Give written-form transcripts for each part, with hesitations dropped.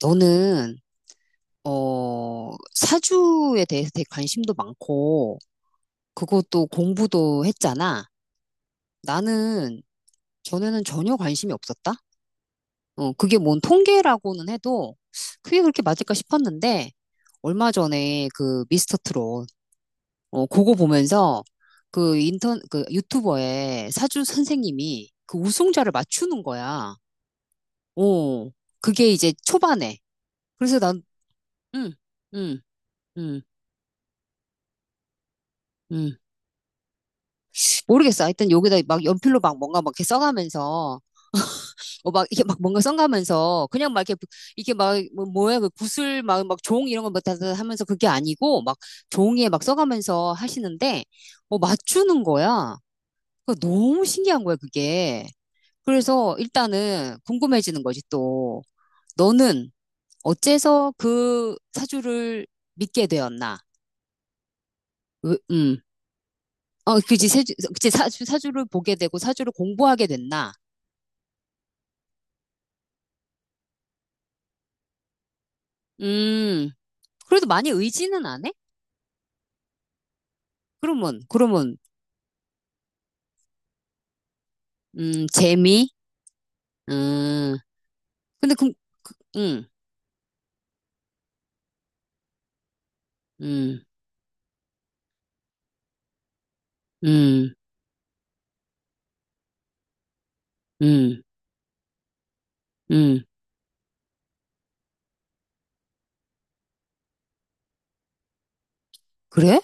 너는 사주에 대해서 되게 관심도 많고 그것도 공부도 했잖아. 나는 전에는 전혀 관심이 없었다. 그게 뭔 통계라고는 해도 그게 그렇게 맞을까 싶었는데 얼마 전에 그 미스터 트롯 그거 보면서 그 인턴 그 유튜버의 사주 선생님이 그 우승자를 맞추는 거야. 어 그게 이제 초반에. 그래서 난 응, 응, 응, 응. 모르겠어. 하여튼 여기다 막 연필로 막 뭔가 막 이렇게 써가면서, 막 이렇게 막 뭔가 써가면서, 그냥 막 이렇게, 이렇게 막, 뭐, 뭐야, 그 구슬 막, 막 종 이런 거막 하면서 그게 아니고, 막 종이에 막 써가면서 하시는데, 맞추는 거야. 그 너무 신기한 거야, 그게. 그래서 일단은 궁금해지는 거지, 또. 너는 어째서 그 사주를 믿게 되었나? 으, 그지, 사주, 그지, 사주, 사주를 보게 되고 사주를 공부하게 됐나? 음. 그래도 많이 의지는 안 해? 그러면, 재미, 음, 근데 그, 음, 음, 음, 음, 음, 그래?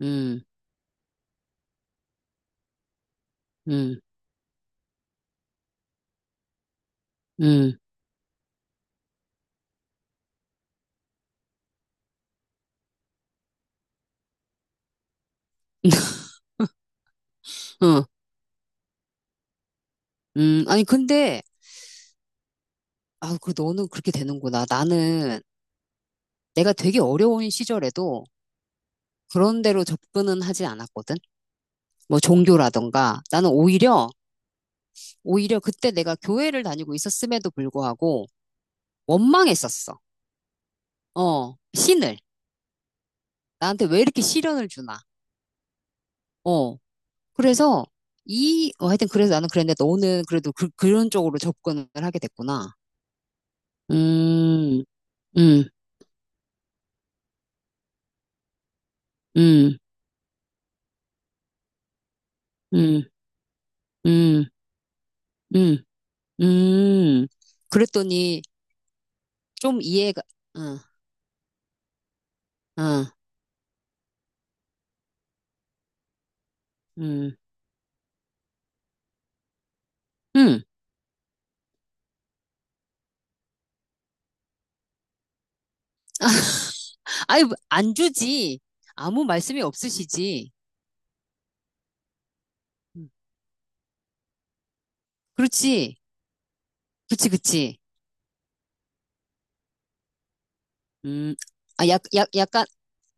음, 음, 음, 어, 아니, 근데, 아, 그, 너는 그렇게 되는구나. 나는 내가 되게 어려운 시절에도 그런 데로 접근은 하지 않았거든. 뭐, 종교라던가. 나는 오히려, 그때 내가 교회를 다니고 있었음에도 불구하고 원망했었어. 어, 신을. 나한테 왜 이렇게 시련을 주나. 어. 그래서 하여튼 그래서 나는 그랬는데 너는 그래도 그, 그런 쪽으로 접근을 하게 됐구나. 음, 음, 음, 음, 음, 음, 음. 그랬더니 좀 이해가, 응, 응, 음, 음. 아니, 안 주지. 아무 말씀이 없으시지. 음, 그렇지. 그렇지그지 음, 아, 약, 약간,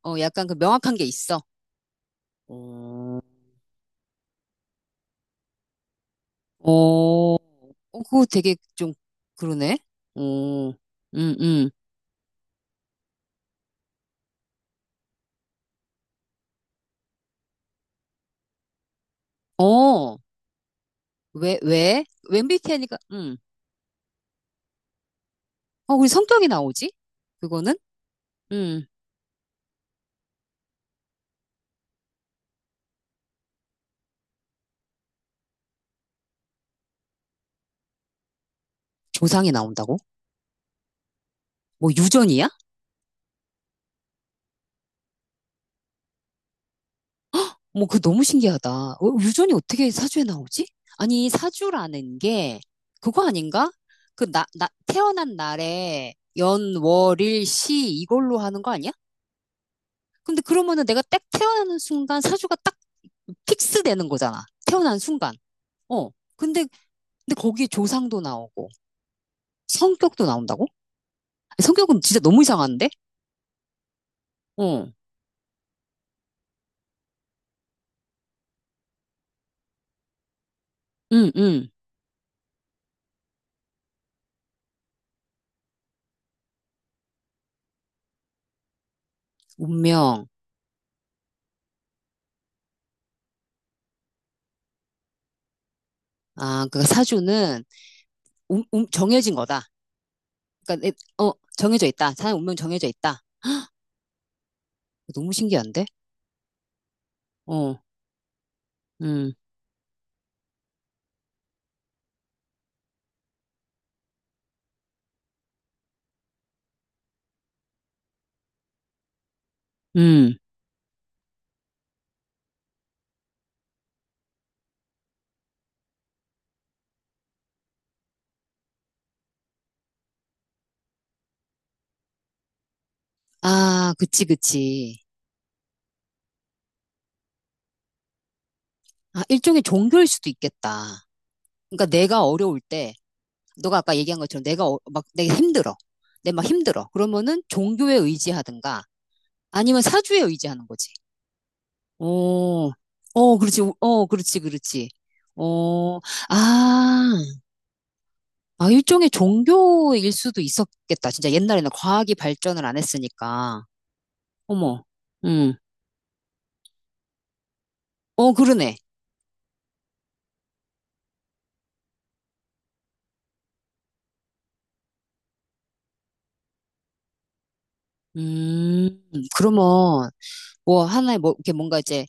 약간 그 명확한 게 있어. 어. 어, 어, 그거 되게 좀 그러네. 어, 음. 어, 왜, 왜? m b t 니까 우리 성격이 나오지? 그거는? 음, 조상이 나온다고? 뭐 유전이야? 뭐 그거 너무 신기하다. 유전이 어떻게 사주에 나오지? 아니, 사주라는 게 그거 아닌가? 그 나, 태어난 날에 연, 월, 일, 시 이걸로 하는 거 아니야? 근데 그러면은 내가 딱 태어나는 순간 사주가 딱 픽스 되는 거잖아. 태어난 순간. 어. 근데, 근데 거기에 조상도 나오고, 성격도 나온다고? 성격은 진짜 너무 이상한데? 어. 응, 응. 운명. 아, 그 사주는 정해진 거다. 그러니까, 어, 정해져 있다. 사람 운명 정해져 있다. 너무 신기한데? 어, 음, 음. 아, 그치, 그치. 아, 일종의 종교일 수도 있겠다. 그러니까 내가 어려울 때, 너가 아까 얘기한 것처럼 내가 막, 내가 힘들어. 내가 막 힘들어. 그러면은 종교에 의지하든가, 아니면 사주에 의지하는 거지. 어, 어, 그렇지, 어, 그렇지, 그렇지. 어, 아, 아, 일종의 종교일 수도 있었겠다. 진짜 옛날에는 과학이 발전을 안 했으니까. 어머, 음, 어, 그러네. 음, 그러면, 뭐, 하나의, 뭐, 이렇게 뭔가 이제,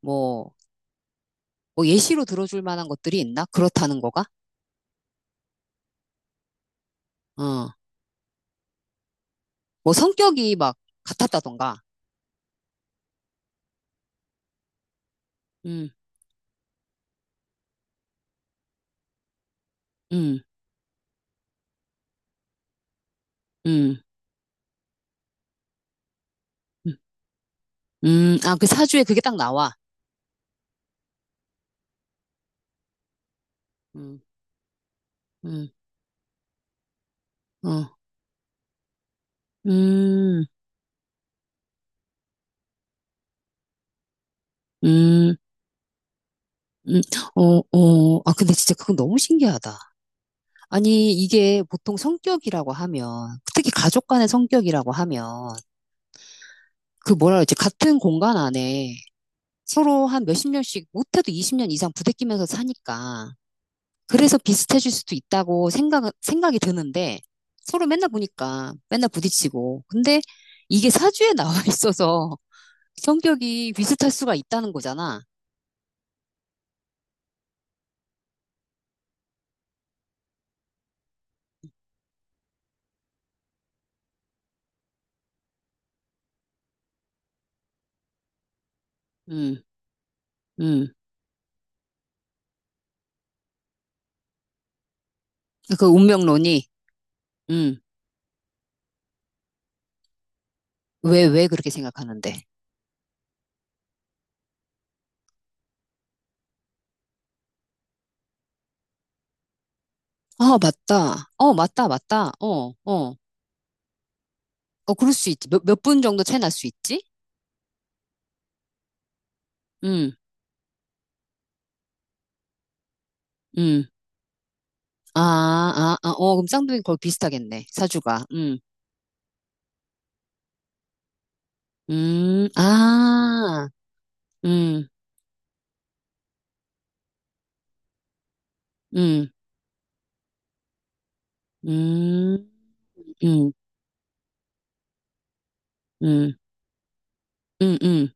뭐, 뭐 예시로 들어줄 만한 것들이 있나? 그렇다는 거가? 어, 뭐 성격이 막 같았다던가. 음, 음, 음, 음, 아, 그 사주에 그게 딱 나와. 음, 음, 어, 음. 음, 음, 어, 어, 아, 근데 진짜 그건 너무 신기하다. 아니, 이게 보통 성격이라고 하면, 특히 가족 간의 성격이라고 하면, 그 뭐라 그러지, 같은 공간 안에 서로 한 몇십 년씩, 못해도 20년 이상 부대끼면서 사니까, 그래서 비슷해질 수도 있다고 생각이 드는데, 서로 맨날 보니까, 맨날 부딪히고. 근데 이게 사주에 나와 있어서 성격이 비슷할 수가 있다는 거잖아. 음, 음, 그 운명론이. 음. 왜, 왜 그렇게 생각하는데? 아, 맞다. 어, 맞다, 맞다. 어, 어. 어, 그럴 수 있지. 몇 분 정도 채 날 수 있지? 음, 음. 아, 아, 아, 어, 그럼 쌍둥이 거의 비슷하겠네. 사주가. 아, 음, 음, 음, 음, 음, 음, 음,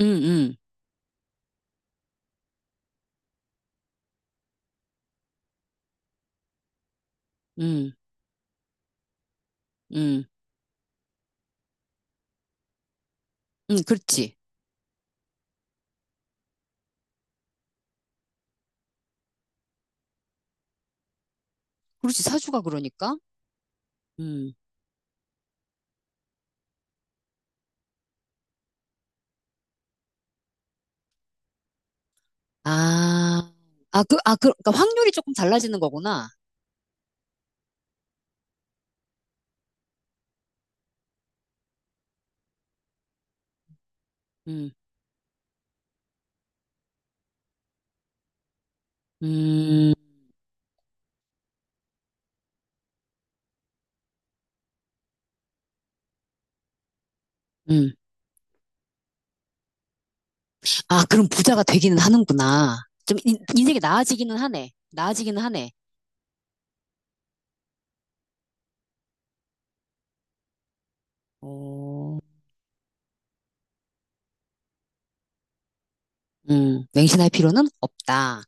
음, 음, 음, 음, 그렇지. 그렇지. 사주가 그러니까. 음, 아, 아, 그, 아, 그, 그러니까 확률이 조금 달라지는 거구나. 음, 음. 음. 아, 그럼 부자가 되기는 하는구나. 좀 인생이 나아지기는 하네. 나아지기는 하네. 어, 맹신할 필요는 없다.